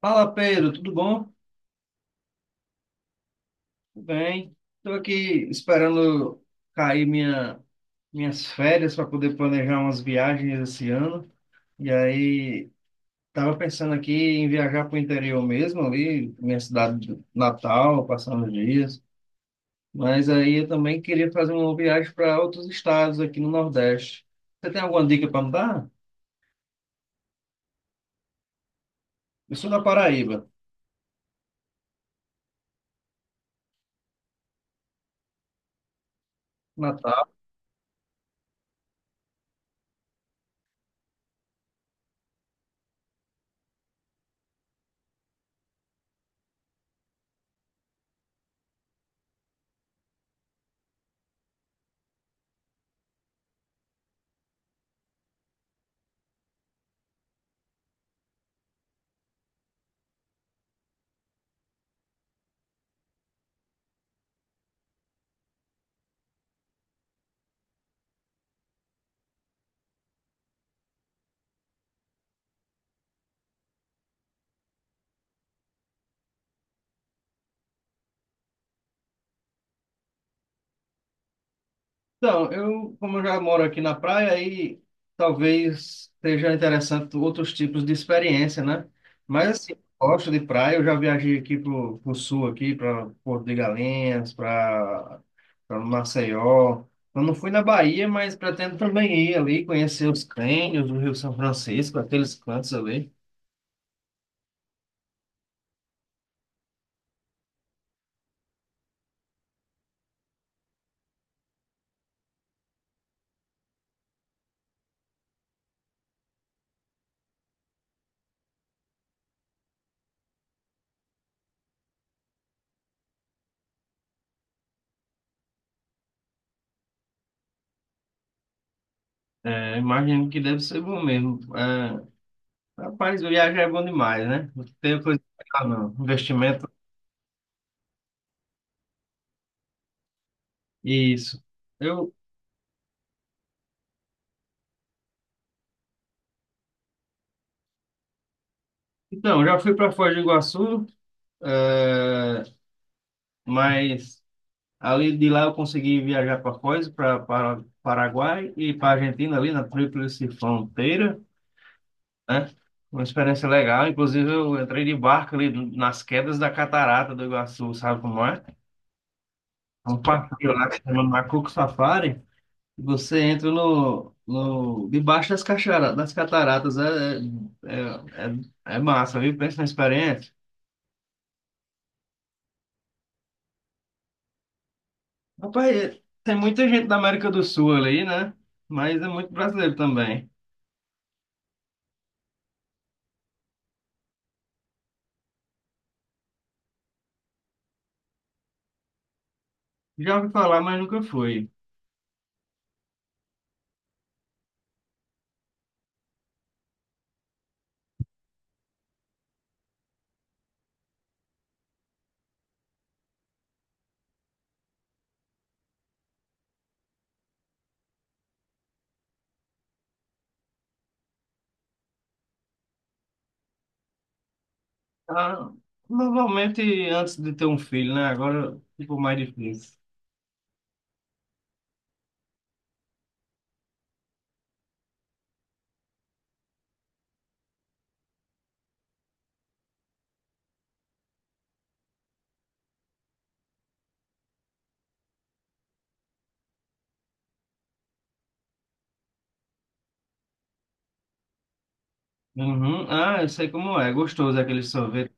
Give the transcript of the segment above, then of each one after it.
Fala, Pedro, tudo bom? Tudo bem. Estou aqui esperando cair minhas férias para poder planejar umas viagens esse ano. E aí estava pensando aqui em viajar para o interior mesmo, ali, minha cidade natal, passando os dias. Mas aí eu também queria fazer uma viagem para outros estados aqui no Nordeste. Você tem alguma dica para me dar? Eu sou da Paraíba. Então, eu, como eu já moro aqui na praia, aí talvez seja interessante outros tipos de experiência, né? Mas assim, eu gosto de praia, eu já viajei aqui pro sul aqui, para Porto de Galinhas, para Maceió. Eu não fui na Bahia, mas pretendo também ir ali conhecer os cânions do Rio São Francisco, aqueles cantos ali. É, imagino que deve ser bom mesmo. É, rapaz, viajar é bom demais, né? Não tem coisa, ah, não, investimento, isso. Eu então, já fui para Foz do Iguaçu, eh, mas ali de lá eu consegui viajar para Foz, para Paraguai e para Argentina, ali na Tríplice Fronteira, né? Uma experiência legal. Inclusive, eu entrei de barco ali nas quedas da Catarata do Iguaçu, sabe como é? É um passeio lá que se chama Macuco Safari. Você entra no, no, debaixo das cataratas, é, é massa, viu? Pensa na experiência. Rapaz, tem muita gente da América do Sul ali, né? Mas é muito brasileiro também. Já ouvi falar, mas nunca fui. Ah, normalmente antes de ter um filho, né? Agora ficou mais difícil. Uhum. Ah, eu sei como é. Gostoso aquele sorvete.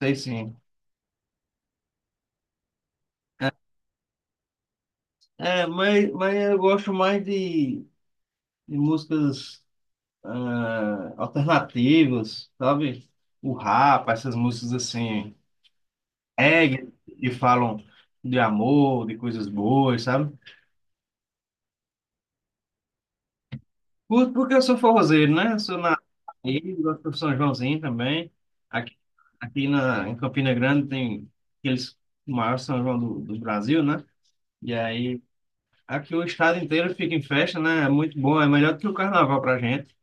Sei sim. É, mas eu gosto mais de músicas ah, alternativas, sabe? O rap, essas músicas assim, reggae, que falam de amor, de coisas boas, sabe? Curto porque eu sou forrozeiro, né? Eu sou na, aí, gosto do São Joãozinho também. Aqui, em Campina Grande tem aqueles o maior São João do Brasil, né? E aí aqui o estado inteiro fica em festa, né? É muito bom, é melhor do que o carnaval pra gente.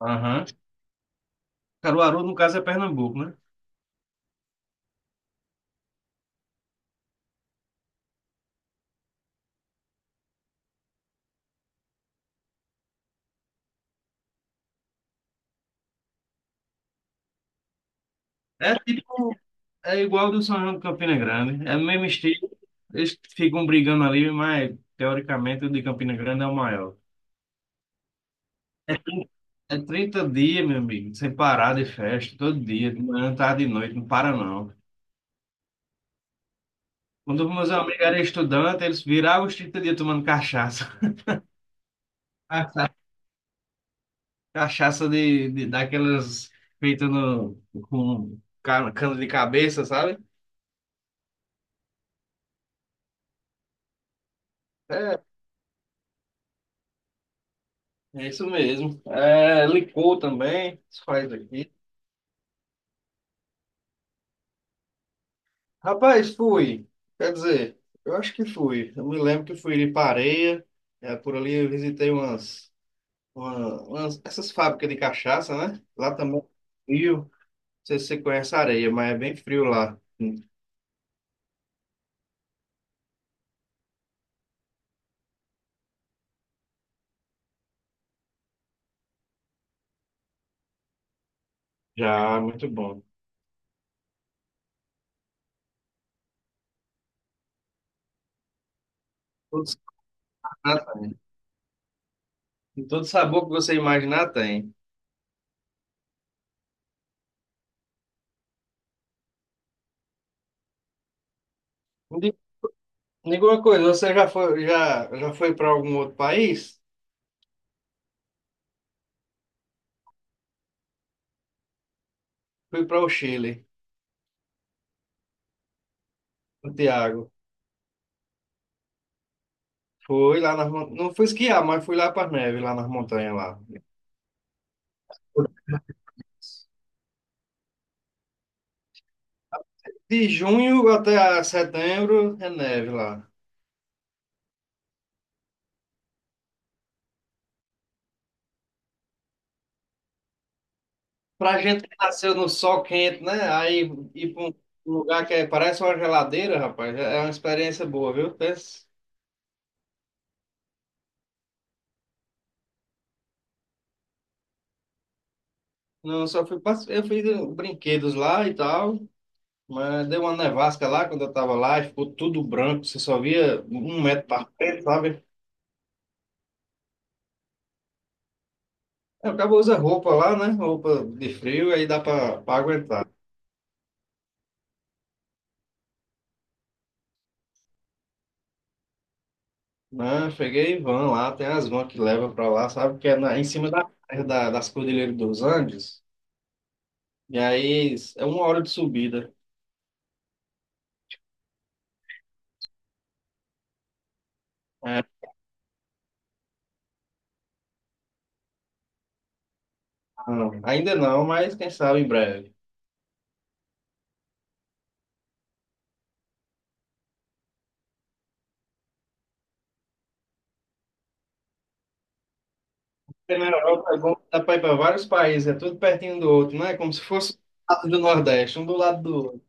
Aham. Caruaru, no caso, é Pernambuco, né? É, é igual do São João de Campina Grande, é o mesmo estilo. Eles ficam brigando ali, mas teoricamente o de Campina Grande é o maior. É 30 dias, meu amigo, sem parar de festa, todo dia, de manhã, tarde e noite, não para não. Quando meus amigos eram estudantes, eles viravam os trinta dias tomando cachaça. Cachaça de daquelas feitas no, com cana de cabeça, sabe? É, é isso mesmo. É, licor também, se faz aqui. Rapaz, fui. Quer dizer, eu acho que fui. Eu me lembro que fui de Pareia, é, por ali eu visitei umas. Essas fábricas de cachaça, né? Lá também é frio. Não sei se você conhece a areia, mas é bem frio lá. Já, muito bom. Todo sabor, todo sabor que você imaginar tem. Me di- Me diga uma coisa, você já foi, já foi para algum outro país? Fui para o Chile, Santiago. Fui lá não fui esquiar, mas fui lá para as neves, lá nas montanhas lá. De junho até a setembro é neve lá. Pra gente que nasceu no sol quente, né? Aí ir pra um lugar parece uma geladeira, rapaz, é uma experiência boa, viu? Pensa. Não, eu só fui, eu fiz brinquedos lá e tal, mas deu uma nevasca lá quando eu tava lá, e ficou tudo branco, você só via um metro para frente, sabe? Eu acabo usando roupa lá, né? Roupa de frio, aí dá pra aguentar. Né? Cheguei em van lá, tem as vans que levam pra lá, sabe? Que é em cima das Cordilheiras dos Andes, e aí é uma hora de subida. É, não, ainda não, mas quem sabe em breve. Porque na Europa é bom, que dá para ir para vários países, é tudo pertinho um do outro, não é como se fosse o lado do Nordeste, um do lado do outro.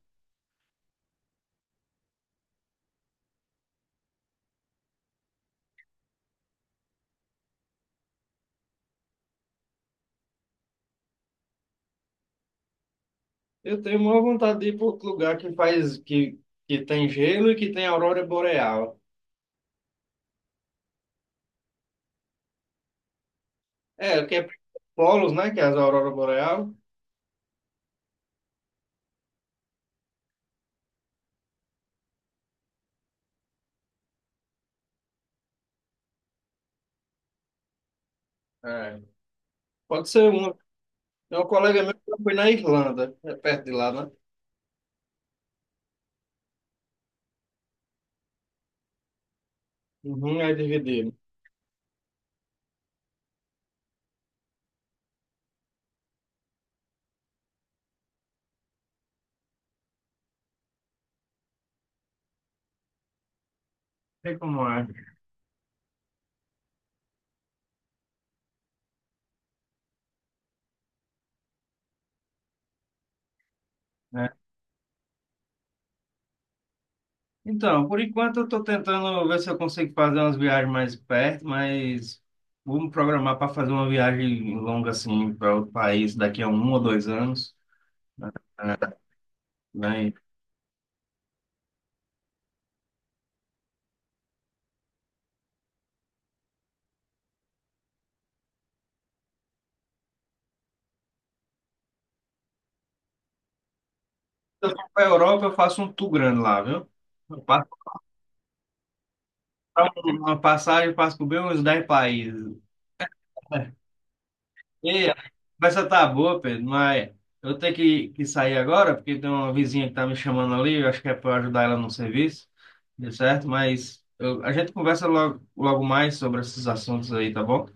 Eu tenho maior vontade de ir para outro lugar que faz, que tem gelo e que tem aurora boreal. É, o que é polos, né, que é as aurora boreal. É. Pode ser uma. Tem um colega meu que foi na Irlanda, é perto de lá, né? Uhum, é dividido. Sei como é. Então, por enquanto eu estou tentando ver se eu consigo fazer umas viagens mais perto, mas vou me programar para fazer uma viagem longa assim para outro país daqui a um ou dois anos, né? E se eu for para a Europa, eu faço um tour grande lá, viu? Eu passo pra uma passagem, passo por bem uns 10 países. E a conversa tá boa, Pedro, mas eu tenho que sair agora, porque tem uma vizinha que tá me chamando ali, eu acho que é para ajudar ela no serviço, deu certo? A gente conversa logo mais sobre esses assuntos aí, tá bom?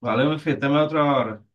Valeu, meu filho, até mais outra hora.